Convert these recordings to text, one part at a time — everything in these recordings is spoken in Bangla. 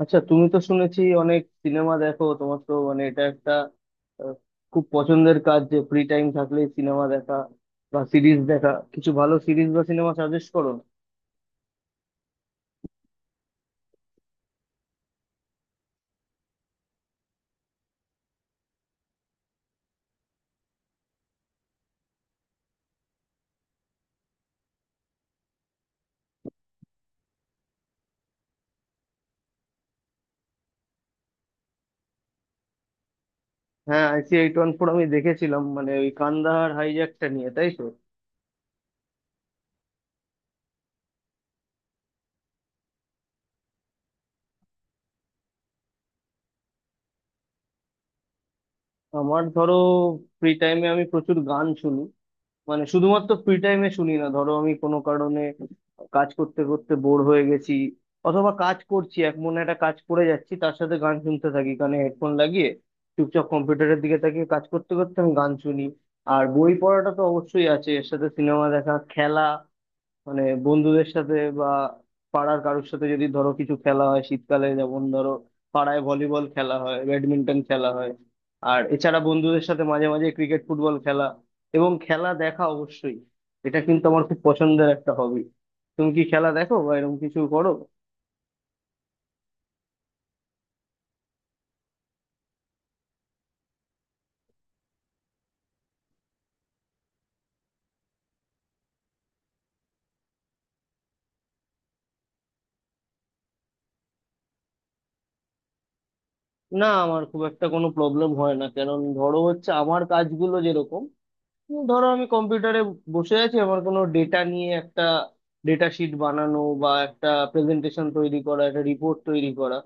আচ্ছা, তুমি তো শুনেছি অনেক সিনেমা দেখো। তোমার তো মানে এটা একটা আহ, খুব পছন্দের কাজ যে ফ্রি টাইম থাকলে সিনেমা দেখা বা সিরিজ দেখা। কিছু ভালো সিরিজ বা সিনেমা সাজেস্ট করো না? হ্যাঁ, আইসি এইট ওয়ান ফোর আমি দেখেছিলাম, মানে ওই কান্দাহার হাইজ্যাকটা নিয়ে, তাই তো। আমার ধরো ফ্রি টাইমে আমি প্রচুর গান শুনি। মানে শুধুমাত্র ফ্রি টাইমে শুনি না, ধরো আমি কোনো কারণে কাজ করতে করতে বোর হয়ে গেছি, অথবা কাজ করছি এক মনে একটা কাজ করে যাচ্ছি, তার সাথে গান শুনতে থাকি কানে হেডফোন লাগিয়ে, চুপচাপ কম্পিউটারের দিকে তাকিয়ে কাজ করতে করতে আমি গান শুনি। আর বই পড়াটা তো অবশ্যই আছে, এর সাথে সিনেমা দেখা, খেলা মানে বন্ধুদের সাথে বা পাড়ার কারোর সাথে যদি ধরো কিছু খেলা হয়, শীতকালে যেমন ধরো পাড়ায় ভলিবল খেলা হয়, ব্যাডমিন্টন খেলা হয়, আর এছাড়া বন্ধুদের সাথে মাঝে মাঝে ক্রিকেট ফুটবল খেলা এবং খেলা দেখা অবশ্যই। এটা কিন্তু আমার খুব পছন্দের একটা হবি। তুমি কি খেলা দেখো বা এরকম কিছু করো? না, আমার খুব একটা কোনো প্রবলেম হয় না, কারণ ধরো হচ্ছে আমার কাজগুলো যেরকম, ধরো আমি কম্পিউটারে বসে আছি আমার কোনো ডেটা নিয়ে একটা ডেটা শিট বানানো বা একটা প্রেজেন্টেশন তৈরি করা, একটা রিপোর্ট তৈরি করা।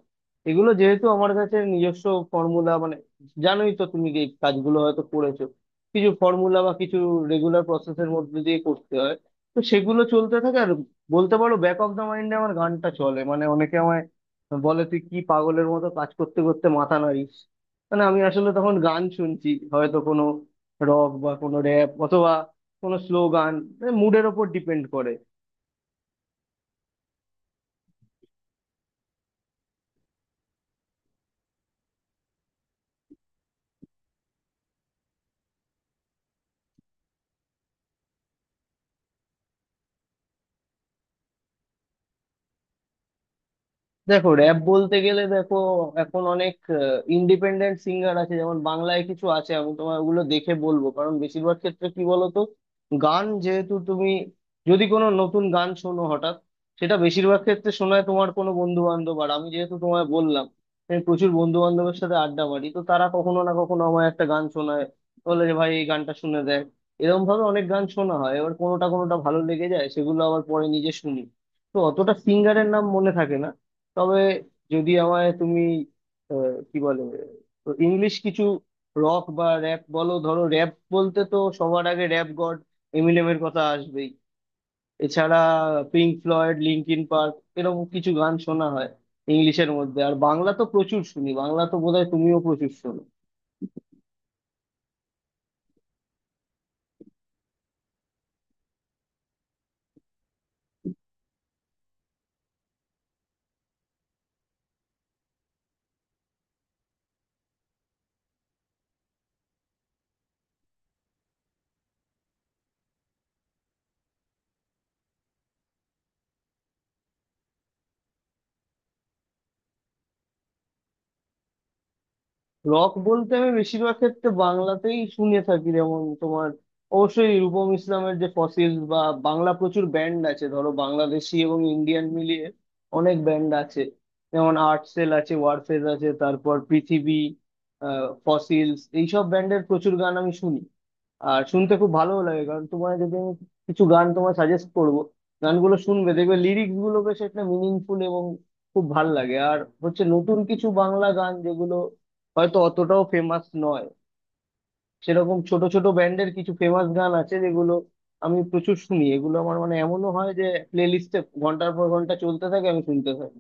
এগুলো যেহেতু আমার কাছে নিজস্ব ফর্মুলা, মানে জানোই তো তুমি, যে এই কাজগুলো হয়তো করেছো, কিছু ফর্মুলা বা কিছু রেগুলার প্রসেসের মধ্যে দিয়ে করতে হয়, তো সেগুলো চলতে থাকে। আর বলতে পারো ব্যাক অফ দ্য মাইন্ডে আমার গানটা চলে। মানে অনেকে আমায় বলে, তুই কি পাগলের মতো কাজ করতে করতে মাথা নাড়িস? মানে আমি আসলে তখন গান শুনছি, হয়তো কোনো রক বা কোনো র্যাপ অথবা কোনো স্লো গান, মুডের ওপর ডিপেন্ড করে। র্যাপ বলতে গেলে দেখো এখন অনেক ইন্ডিপেন্ডেন্ট সিঙ্গার আছে, যেমন বাংলায় কিছু আছে, আমি তোমার ওগুলো দেখে বলবো। কারণ বেশিরভাগ ক্ষেত্রে কি বলতো, গান যেহেতু তুমি যদি কোনো নতুন গান শোনো হঠাৎ, সেটা বেশিরভাগ ক্ষেত্রে শোনায় তোমার কোনো বন্ধু বান্ধব। আর আমি যেহেতু তোমায় বললাম আমি প্রচুর বন্ধু বান্ধবের সাথে আড্ডা মারি, তো তারা কখনো না কখনো আমায় একটা গান শোনায়, বলে যে ভাই এই গানটা শুনে দেখ। এরকম ভাবে অনেক গান শোনা হয়, এবার কোনোটা কোনোটা ভালো লেগে যায়, সেগুলো আবার পরে নিজে শুনি। তো অতটা সিঙ্গারের নাম মনে থাকে না। তবে যদি আমায় তুমি কি বলে, তো ইংলিশ কিছু রক বা র্যাপ বলো, ধরো র্যাপ বলতে তো সবার আগে র্যাপ গড এমিনেমের কথা আসবেই। এছাড়া পিঙ্ক ফ্লয়েড, লিঙ্কিন পার্ক, এরকম কিছু গান শোনা হয় ইংলিশের মধ্যে। আর বাংলা তো প্রচুর শুনি, বাংলা তো বোধহয় তুমিও প্রচুর শোনো। রক বলতে আমি বেশিরভাগ ক্ষেত্রে বাংলাতেই শুনে থাকি, যেমন তোমার অবশ্যই রূপম ইসলামের যে ফসিলস, বা বাংলা প্রচুর ব্যান্ড আছে ধরো বাংলাদেশি এবং ইন্ডিয়ান মিলিয়ে অনেক ব্যান্ড আছে, যেমন আর্টসেল আছে, ওয়ারফেজ আছে, তারপর পৃথিবী, ফসিলস, এইসব ব্যান্ডের প্রচুর গান আমি শুনি আর শুনতে খুব ভালো লাগে। কারণ তোমার যদি আমি কিছু গান তোমায় সাজেস্ট করব, গানগুলো শুনবে, দেখবে লিরিক্স গুলো বেশ একটা মিনিংফুল এবং খুব ভাল লাগে। আর হচ্ছে নতুন কিছু বাংলা গান, যেগুলো হয়তো অতটাও ফেমাস নয়, সেরকম ছোট ছোট ব্যান্ডের কিছু ফেমাস গান আছে, যেগুলো আমি প্রচুর শুনি। এগুলো আমার মানে এমনও হয় যে প্লে লিস্টে ঘন্টার পর ঘন্টা চলতে থাকে, আমি শুনতে থাকি।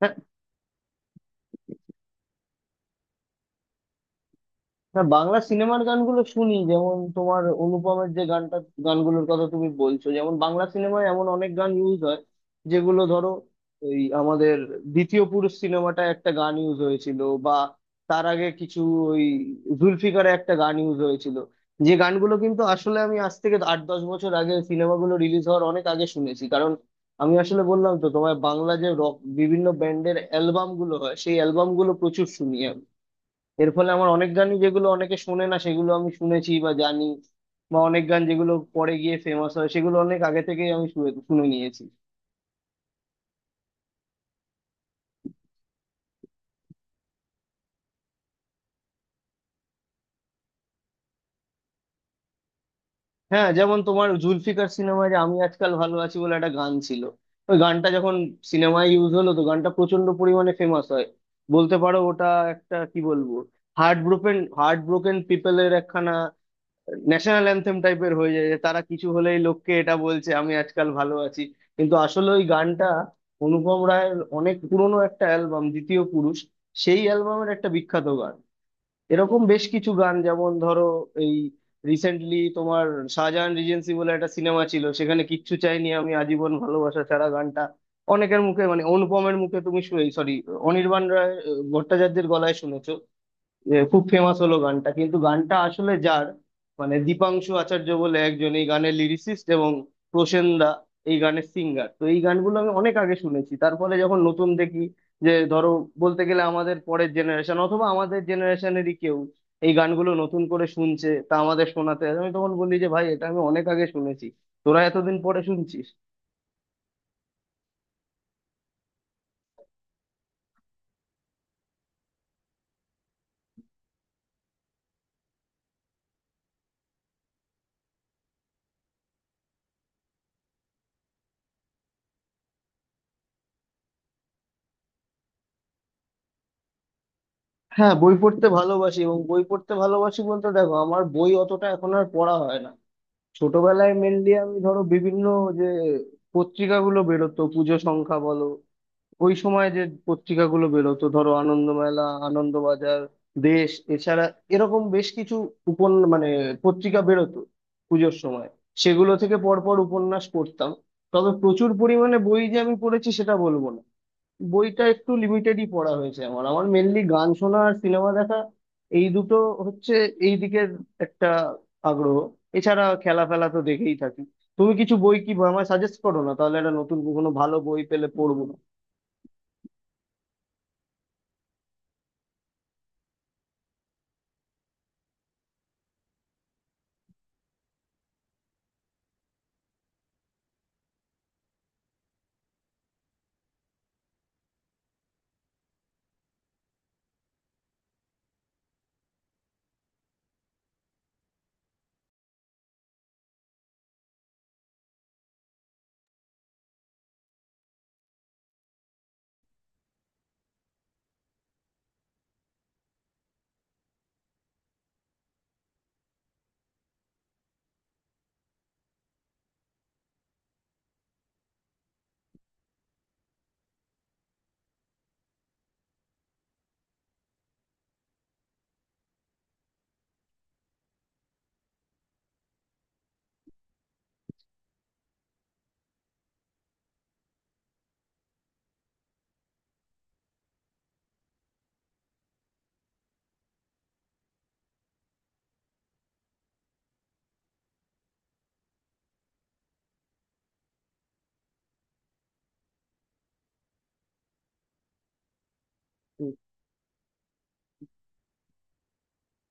হ্যাঁ? হ্যাঁ, বাংলা সিনেমার গানগুলো শুনি, যেমন তোমার অনুপমের যে গানটা, গানগুলোর কথা তুমি বলছো, যেমন বাংলা সিনেমায় এমন অনেক গান ইউজ হয় যেগুলো ধরো ওই আমাদের দ্বিতীয় পুরুষ সিনেমাটায় একটা গান ইউজ হয়েছিল, বা তার আগে কিছু ওই জুলফিকারে একটা গান ইউজ হয়েছিল, যে গানগুলো কিন্তু আসলে আমি আজ থেকে আট দশ বছর আগে, সিনেমাগুলো রিলিজ হওয়ার অনেক আগে শুনেছি। কারণ আমি আসলে বললাম তো, তোমার বাংলা যে রক বিভিন্ন ব্যান্ডের অ্যালবাম গুলো হয়, সেই অ্যালবাম গুলো প্রচুর শুনি আমি। এর ফলে আমার অনেক গানই যেগুলো অনেকে শুনে না সেগুলো আমি শুনেছি বা জানি, বা অনেক গান যেগুলো পরে গিয়ে ফেমাস হয় সেগুলো অনেক আগে থেকেই আমি শুনে শুনে নিয়েছি। হ্যাঁ, যেমন তোমার জুলফিকার সিনেমায় যে "আমি আজকাল ভালো আছি" বলে একটা গান ছিল, ওই গানটা যখন সিনেমায় ইউজ হলো, তো গানটা প্রচন্ড পরিমাণে ফেমাস হয়। বলতে পারো ওটা একটা কি বলবো, হার্ট ব্রোকেন পিপলের একখানা ন্যাশনাল অ্যান্থেম টাইপের হয়ে যায়, যে তারা কিছু হলেই লোককে এটা বলছে, "আমি আজকাল ভালো আছি।" কিন্তু আসলে ওই গানটা অনুপম রায়ের অনেক পুরনো একটা অ্যালবাম দ্বিতীয় পুরুষ, সেই অ্যালবামের একটা বিখ্যাত গান। এরকম বেশ কিছু গান, যেমন ধরো এই রিসেন্টলি তোমার শাহজাহান রিজেন্সি বলে একটা সিনেমা ছিল, সেখানে "কিচ্ছু চাইনি আমি আজীবন ভালোবাসা ছাড়া" গানটা অনেকের মুখে, মানে অনুপমের মুখে তুমি, সরি, অনির্বাণ ভট্টাচার্যের গলায় শুনেছো, যে খুব ফেমাস হলো গানটা। কিন্তু গানটা আসলে যার, মানে দীপাংশু আচার্য বলে একজন এই গানের লিরিসিস্ট, এবং প্রসেন দা এই গানের সিঙ্গার। তো এই গানগুলো আমি অনেক আগে শুনেছি, তারপরে যখন নতুন দেখি যে ধরো, বলতে গেলে আমাদের পরের জেনারেশন অথবা আমাদের জেনারেশনেরই কেউ এই গানগুলো নতুন করে শুনছে, তা আমাদের শোনাতে আসে, আমি তখন বলি যে ভাই এটা আমি অনেক আগে শুনেছি, তোরা এতদিন পরে শুনছিস। হ্যাঁ, বই পড়তে ভালোবাসি। এবং বই পড়তে ভালোবাসি বলতে, দেখো আমার বই অতটা এখন আর পড়া হয় না। ছোটবেলায় মেনলি আমি ধরো বিভিন্ন যে পত্রিকাগুলো বেরোতো, পুজো সংখ্যা বলো, ওই সময় যে পত্রিকাগুলো বেরোতো, ধরো আনন্দমেলা, আনন্দবাজার, দেশ, এছাড়া এরকম বেশ কিছু উপন মানে পত্রিকা বেরোতো পুজোর সময়, সেগুলো থেকে পরপর উপন্যাস পড়তাম। তবে প্রচুর পরিমাণে বই যে আমি পড়েছি সেটা বলবো না। বইটা একটু লিমিটেডই পড়া হয়েছে আমার। আমার মেনলি গান শোনা আর সিনেমা দেখা, এই দুটো হচ্ছে এই দিকের একটা আগ্রহ। এছাড়া খেলা ফেলা তো দেখেই থাকি। তুমি কিছু বই কি আমায় সাজেস্ট করো না, তাহলে একটা নতুন কোনো ভালো বই পেলে পড়বো না? হুম।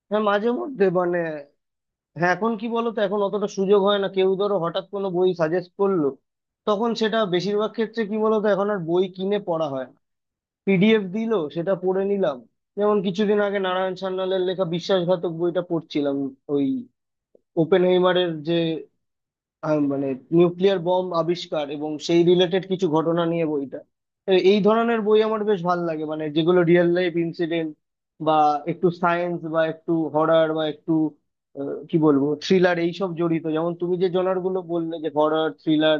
হ্যাঁ, মাঝে মধ্যে মানে, হ্যাঁ এখন কি বলো তো, এখন অতটা সুযোগ হয় না। কেউ ধরো হঠাৎ কোনো বই সাজেস্ট করলো, তখন সেটা বেশিরভাগ ক্ষেত্রে কি বলতো, এখন আর বই কিনে পড়া হয় না। পিডিএফ দিলো, সেটা পড়ে নিলাম। যেমন কিছুদিন আগে নারায়ণ সান্যালের লেখা বিশ্বাসঘাতক বইটা পড়ছিলাম, ওই ওপেনহেইমারের যে মানে নিউক্লিয়ার বম আবিষ্কার এবং সেই রিলেটেড কিছু ঘটনা নিয়ে বইটা। তো এই ধরনের বই আমার বেশ ভালো লাগে, মানে যেগুলো রিয়েল লাইফ ইনসিডেন্ট, বা একটু সায়েন্স বা একটু হরর বা একটু কি বলবো, থ্রিলার, এইসব জড়িত। যেমন তুমি যে জনার গুলো বললে, যে হরর, থ্রিলার,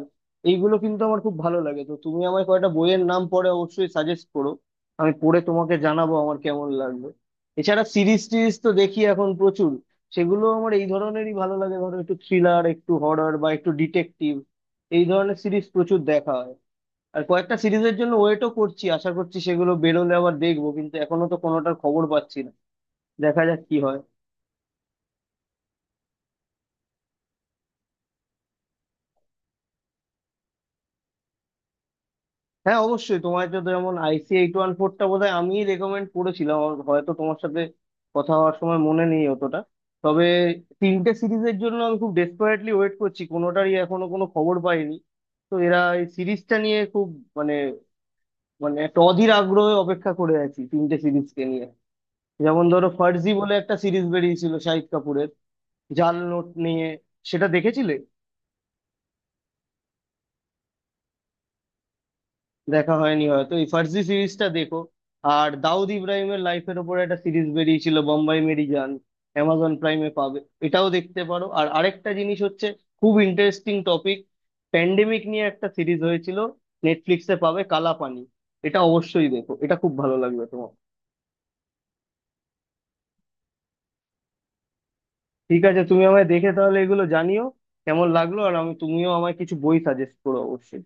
এইগুলো কিন্তু আমার খুব ভালো লাগে। তো তুমি আমায় কয়েকটা বইয়ের নাম পরে অবশ্যই সাজেস্ট করো, আমি পড়ে তোমাকে জানাবো আমার কেমন লাগলো। এছাড়া সিরিজ টিরিজ তো দেখি এখন প্রচুর। সেগুলো আমার এই ধরনেরই ভালো লাগে, ধরো একটু থ্রিলার, একটু হরর বা একটু ডিটেকটিভ, এই ধরনের সিরিজ প্রচুর দেখা হয়। আর কয়েকটা সিরিজের জন্য ওয়েটও করছি, আশা করছি সেগুলো বেরোলে আবার দেখবো, কিন্তু এখনো তো কোনোটার খবর পাচ্ছি না। দেখা যাক কি হয়। হ্যাঁ অবশ্যই। তোমার তো যেমন আইসি এইট ওয়ান ফোরটা বোধহয় আমি রেকমেন্ড করেছিলাম, আমার হয়তো তোমার সাথে কথা হওয়ার সময় মনে নেই অতটা। তবে তিনটে সিরিজের জন্য আমি খুব ডেসপারেটলি ওয়েট করছি, কোনোটারই এখনো কোনো খবর পাইনি। তো এরা এই সিরিজটা নিয়ে খুব মানে মানে একটা অধীর আগ্রহে অপেক্ষা করে আছি তিনটে সিরিজকে নিয়ে। যেমন ধরো ফার্জি বলে একটা সিরিজ বেরিয়েছিল শাহিদ কাপুরের, জাল নোট নিয়ে, সেটা দেখেছিলে? দেখা হয়নি হয়তো। এই ফার্জি সিরিজটা দেখো। আর দাউদ ইব্রাহিমের লাইফের ওপর একটা সিরিজ বেরিয়েছিল, বোম্বাই মেরি জান, অ্যামাজন প্রাইমে পাবে, এটাও দেখতে পারো। আর আরেকটা জিনিস হচ্ছে খুব ইন্টারেস্টিং টপিক, প্যান্ডেমিক নিয়ে একটা সিরিজ হয়েছিল, নেটফ্লিক্সে পাবে, কালাপানি। এটা অবশ্যই দেখো, এটা খুব ভালো লাগবে তোমার। ঠিক আছে, তুমি আমায় দেখে তাহলে এগুলো জানিও কেমন লাগলো, আর আমি তুমিও আমায় কিছু বই সাজেস্ট করো অবশ্যই।